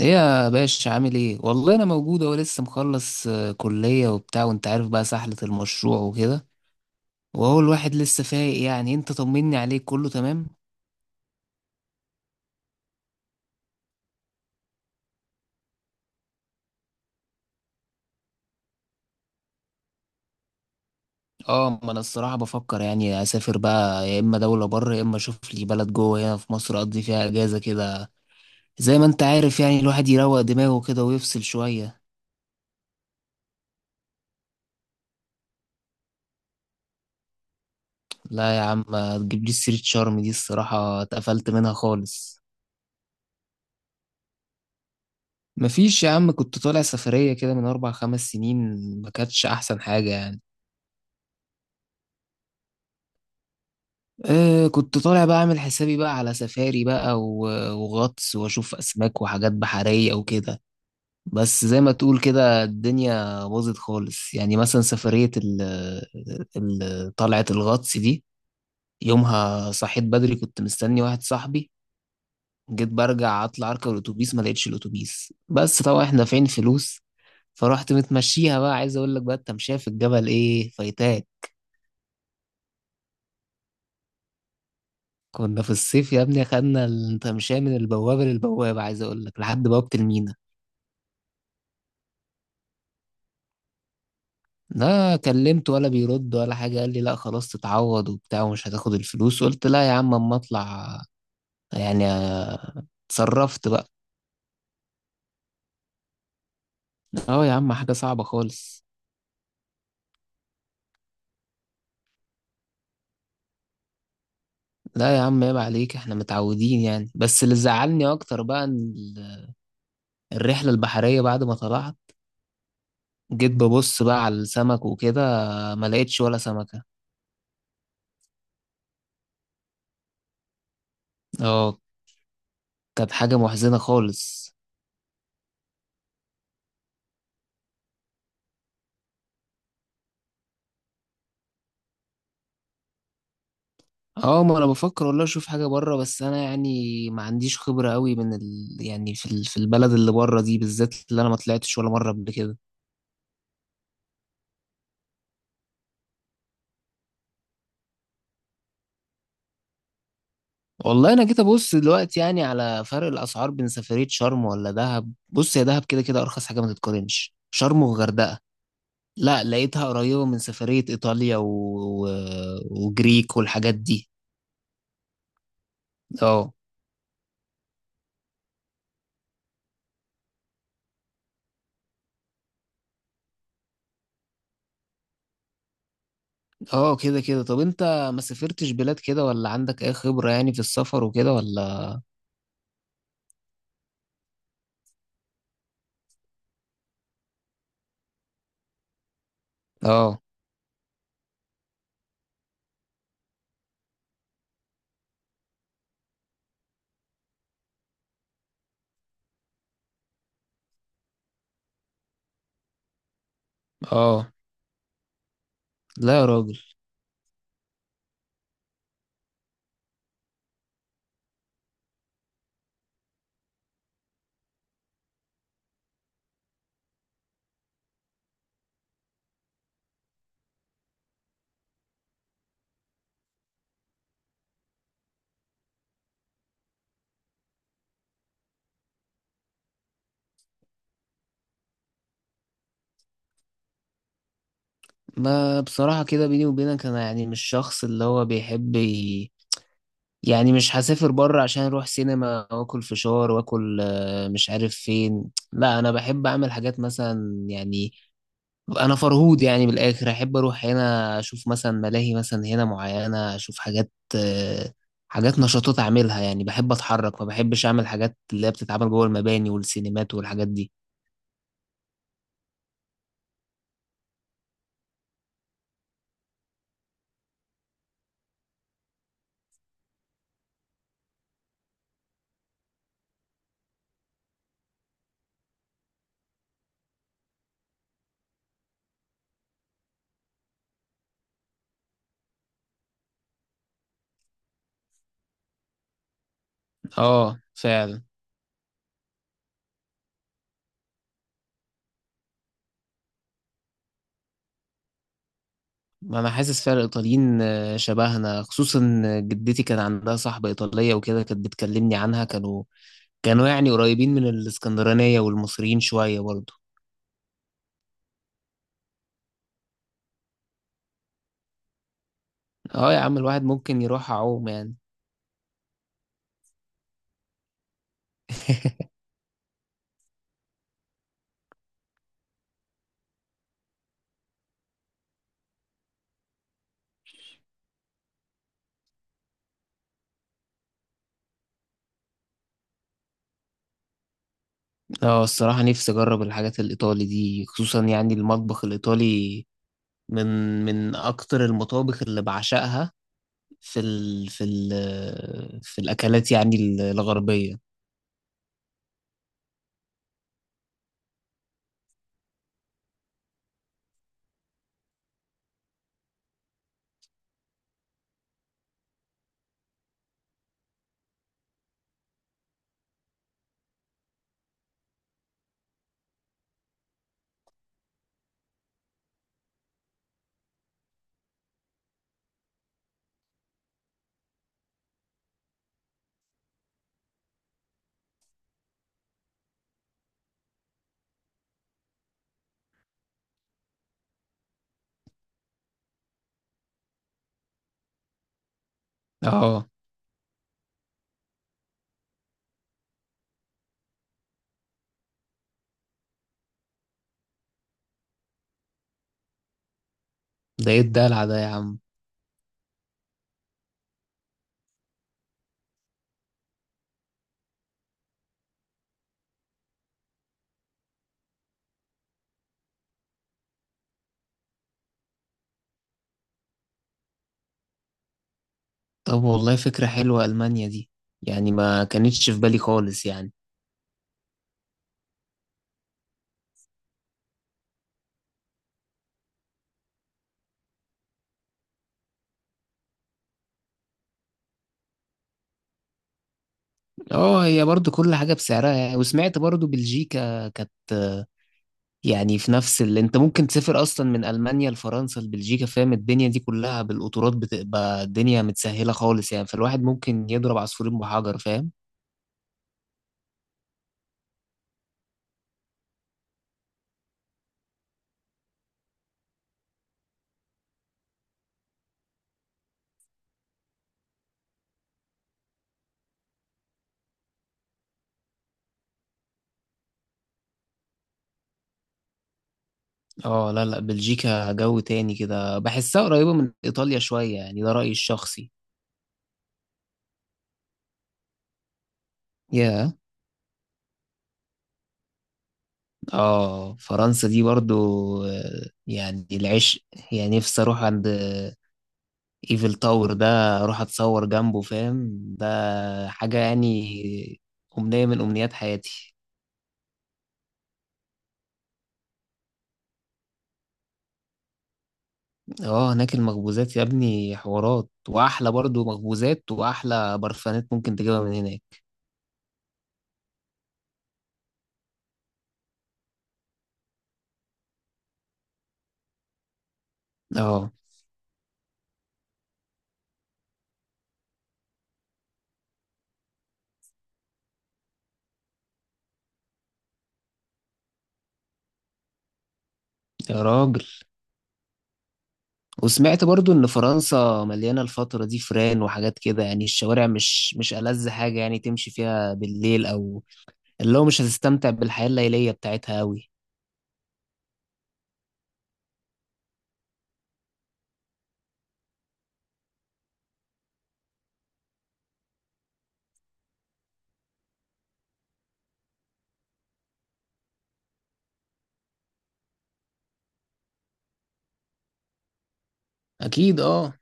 ايه يا باشا، عامل ايه؟ والله انا موجود اهو، لسه مخلص كلية وبتاع، وانت عارف بقى سحلة المشروع وكده. وهو الواحد لسه فايق يعني. انت طمني عليك، كله تمام؟ اه ما انا الصراحة بفكر يعني اسافر بقى، يا اما دولة بره، يا اما اشوف لي بلد جوه هنا في مصر اقضي فيها اجازة كده. زي ما انت عارف يعني الواحد يروق دماغه كده ويفصل شوية. لا يا عم، ما تجيبليش سيرة شرم دي، الصراحة اتقفلت منها خالص. مفيش يا عم، كنت طالع سفرية كده من 4 5 سنين، ما كانتش أحسن حاجة يعني. آه، كنت طالع بقى اعمل حسابي بقى على سفاري بقى وغطس واشوف اسماك وحاجات بحرية وكده. بس زي ما تقول كده الدنيا باظت خالص يعني. مثلا سفرية طلعة الغطس دي، يومها صحيت بدري، كنت مستني واحد صاحبي. جيت برجع اطلع اركب الاتوبيس، ما لقيتش الاتوبيس، بس طبعا احنا دافعين فلوس. فرحت متمشيها بقى، عايز اقول لك بقى التمشية في الجبل ايه فايتاك. كنا في الصيف يا ابني، خدنا التمشية من البوابة للبوابة، عايز أقول لك لحد بوابة المينا. لا كلمت ولا بيرد ولا حاجة، قال لي لا خلاص تتعوض وبتاع ومش هتاخد الفلوس. قلت لا يا عم أما أطلع يعني. اتصرفت بقى. اه يا عم، حاجة صعبة خالص. لا يا عم، عيب عليك، احنا متعودين يعني. بس اللي زعلني أكتر بقى إن الرحلة البحرية بعد ما طلعت، جيت ببص بقى على السمك وكده، ما لقيتش ولا سمكة. اه، كانت حاجة محزنة خالص. اه، ما انا بفكر والله اشوف حاجه بره، بس انا يعني ما عنديش خبره قوي يعني في البلد اللي بره دي بالذات، اللي انا ما طلعتش ولا مره قبل كده. والله انا جيت ابص دلوقتي يعني على فرق الاسعار بين سفريه شرم ولا دهب. بص، يا دهب كده كده ارخص حاجه، ما تتقارنش شرم وغردقه. لا، لقيتها قريبه من سفريه ايطاليا و... وجريك والحاجات دي. اه، اه، كده كده. طب انت ما سافرتش بلاد كده ولا عندك اي خبره يعني في السفر وكده ولا؟ اه، اه، لا يا راجل. ما بصراحة كده بيني وبينك أنا يعني مش شخص اللي هو بيحب يعني مش هسافر بره عشان أروح سينما وآكل فشار وآكل مش عارف فين. لا، أنا بحب أعمل حاجات مثلا يعني. أنا فرهود يعني بالآخر أحب أروح هنا أشوف مثلا ملاهي، مثلا هنا معينة أشوف حاجات، حاجات نشاطات أعملها يعني. بحب أتحرك، ما بحبش أعمل حاجات اللي هي بتتعمل جوه المباني والسينمات والحاجات دي. آه فعلا، ما انا حاسس فعلا الايطاليين شبهنا. خصوصا جدتي، كان عندها صاحبة ايطالية وكده كانت بتكلمني عنها. كانوا يعني قريبين من الاسكندرانية والمصريين شوية برضه. اه يا عم، الواحد ممكن يروح اعوم يعني. اه، الصراحة نفسي اجرب الحاجات الايطالي دي، خصوصا يعني المطبخ الايطالي من من اكتر المطابخ اللي بعشقها في ال في ال في الاكلات يعني الغربية. اه، ده ايه الدلع ده يا عم؟ طب والله فكرة حلوة ألمانيا دي، يعني ما كانتش في بالي خالص يعني. اه، هي برضو كل حاجة بسعرها يعني. وسمعت برضو بلجيكا كانت، يعني في نفس اللي انت ممكن تسافر اصلا من ألمانيا لفرنسا لبلجيكا، فاهم؟ الدنيا دي كلها بالقطارات، بتبقى الدنيا متسهلة خالص يعني، فالواحد ممكن يضرب عصفورين بحجر، فاهم؟ اه، لا لا، بلجيكا جو تاني كده، بحسها قريبة من إيطاليا شوية يعني، ده رأيي الشخصي. يا اه فرنسا دي برضو، يعني العشق. يعني نفسي اروح عند ايفل تاور ده، اروح اتصور جنبه، فاهم؟ ده حاجة يعني، أمنية من أمنيات حياتي. اه، هناك المخبوزات يا ابني حوارات، واحلى برضو مخبوزات واحلى برفانات ممكن تجيبها من هناك. اه يا راجل، وسمعت برضو ان فرنسا مليانة الفترة دي فران وحاجات كده يعني. الشوارع مش ألذ حاجة يعني تمشي فيها بالليل، او اللي هو مش هتستمتع بالحياة الليلية بتاعتها أوي. اكيد اه.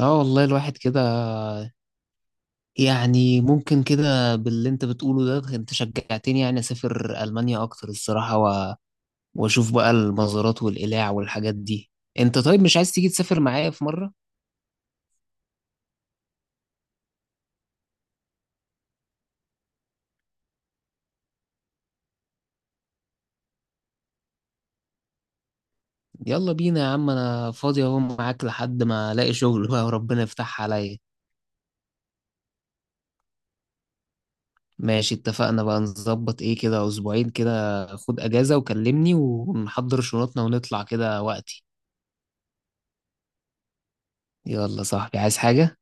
اه والله الواحد كده، يعني ممكن كده باللي انت بتقوله ده انت شجعتني يعني اسافر ألمانيا اكتر الصراحة واشوف بقى المزارات والقلاع والحاجات دي. انت طيب مش عايز تيجي تسافر معايا في مرة؟ يلا بينا يا عم، انا فاضي اهو معاك لحد ما الاقي شغل بقى وربنا يفتح عليا. ماشي، اتفقنا بقى، نظبط ايه كده، اسبوعين كده خد اجازة وكلمني ونحضر شنطنا ونطلع كده وقتي. يلا صاحبي، عايز حاجة؟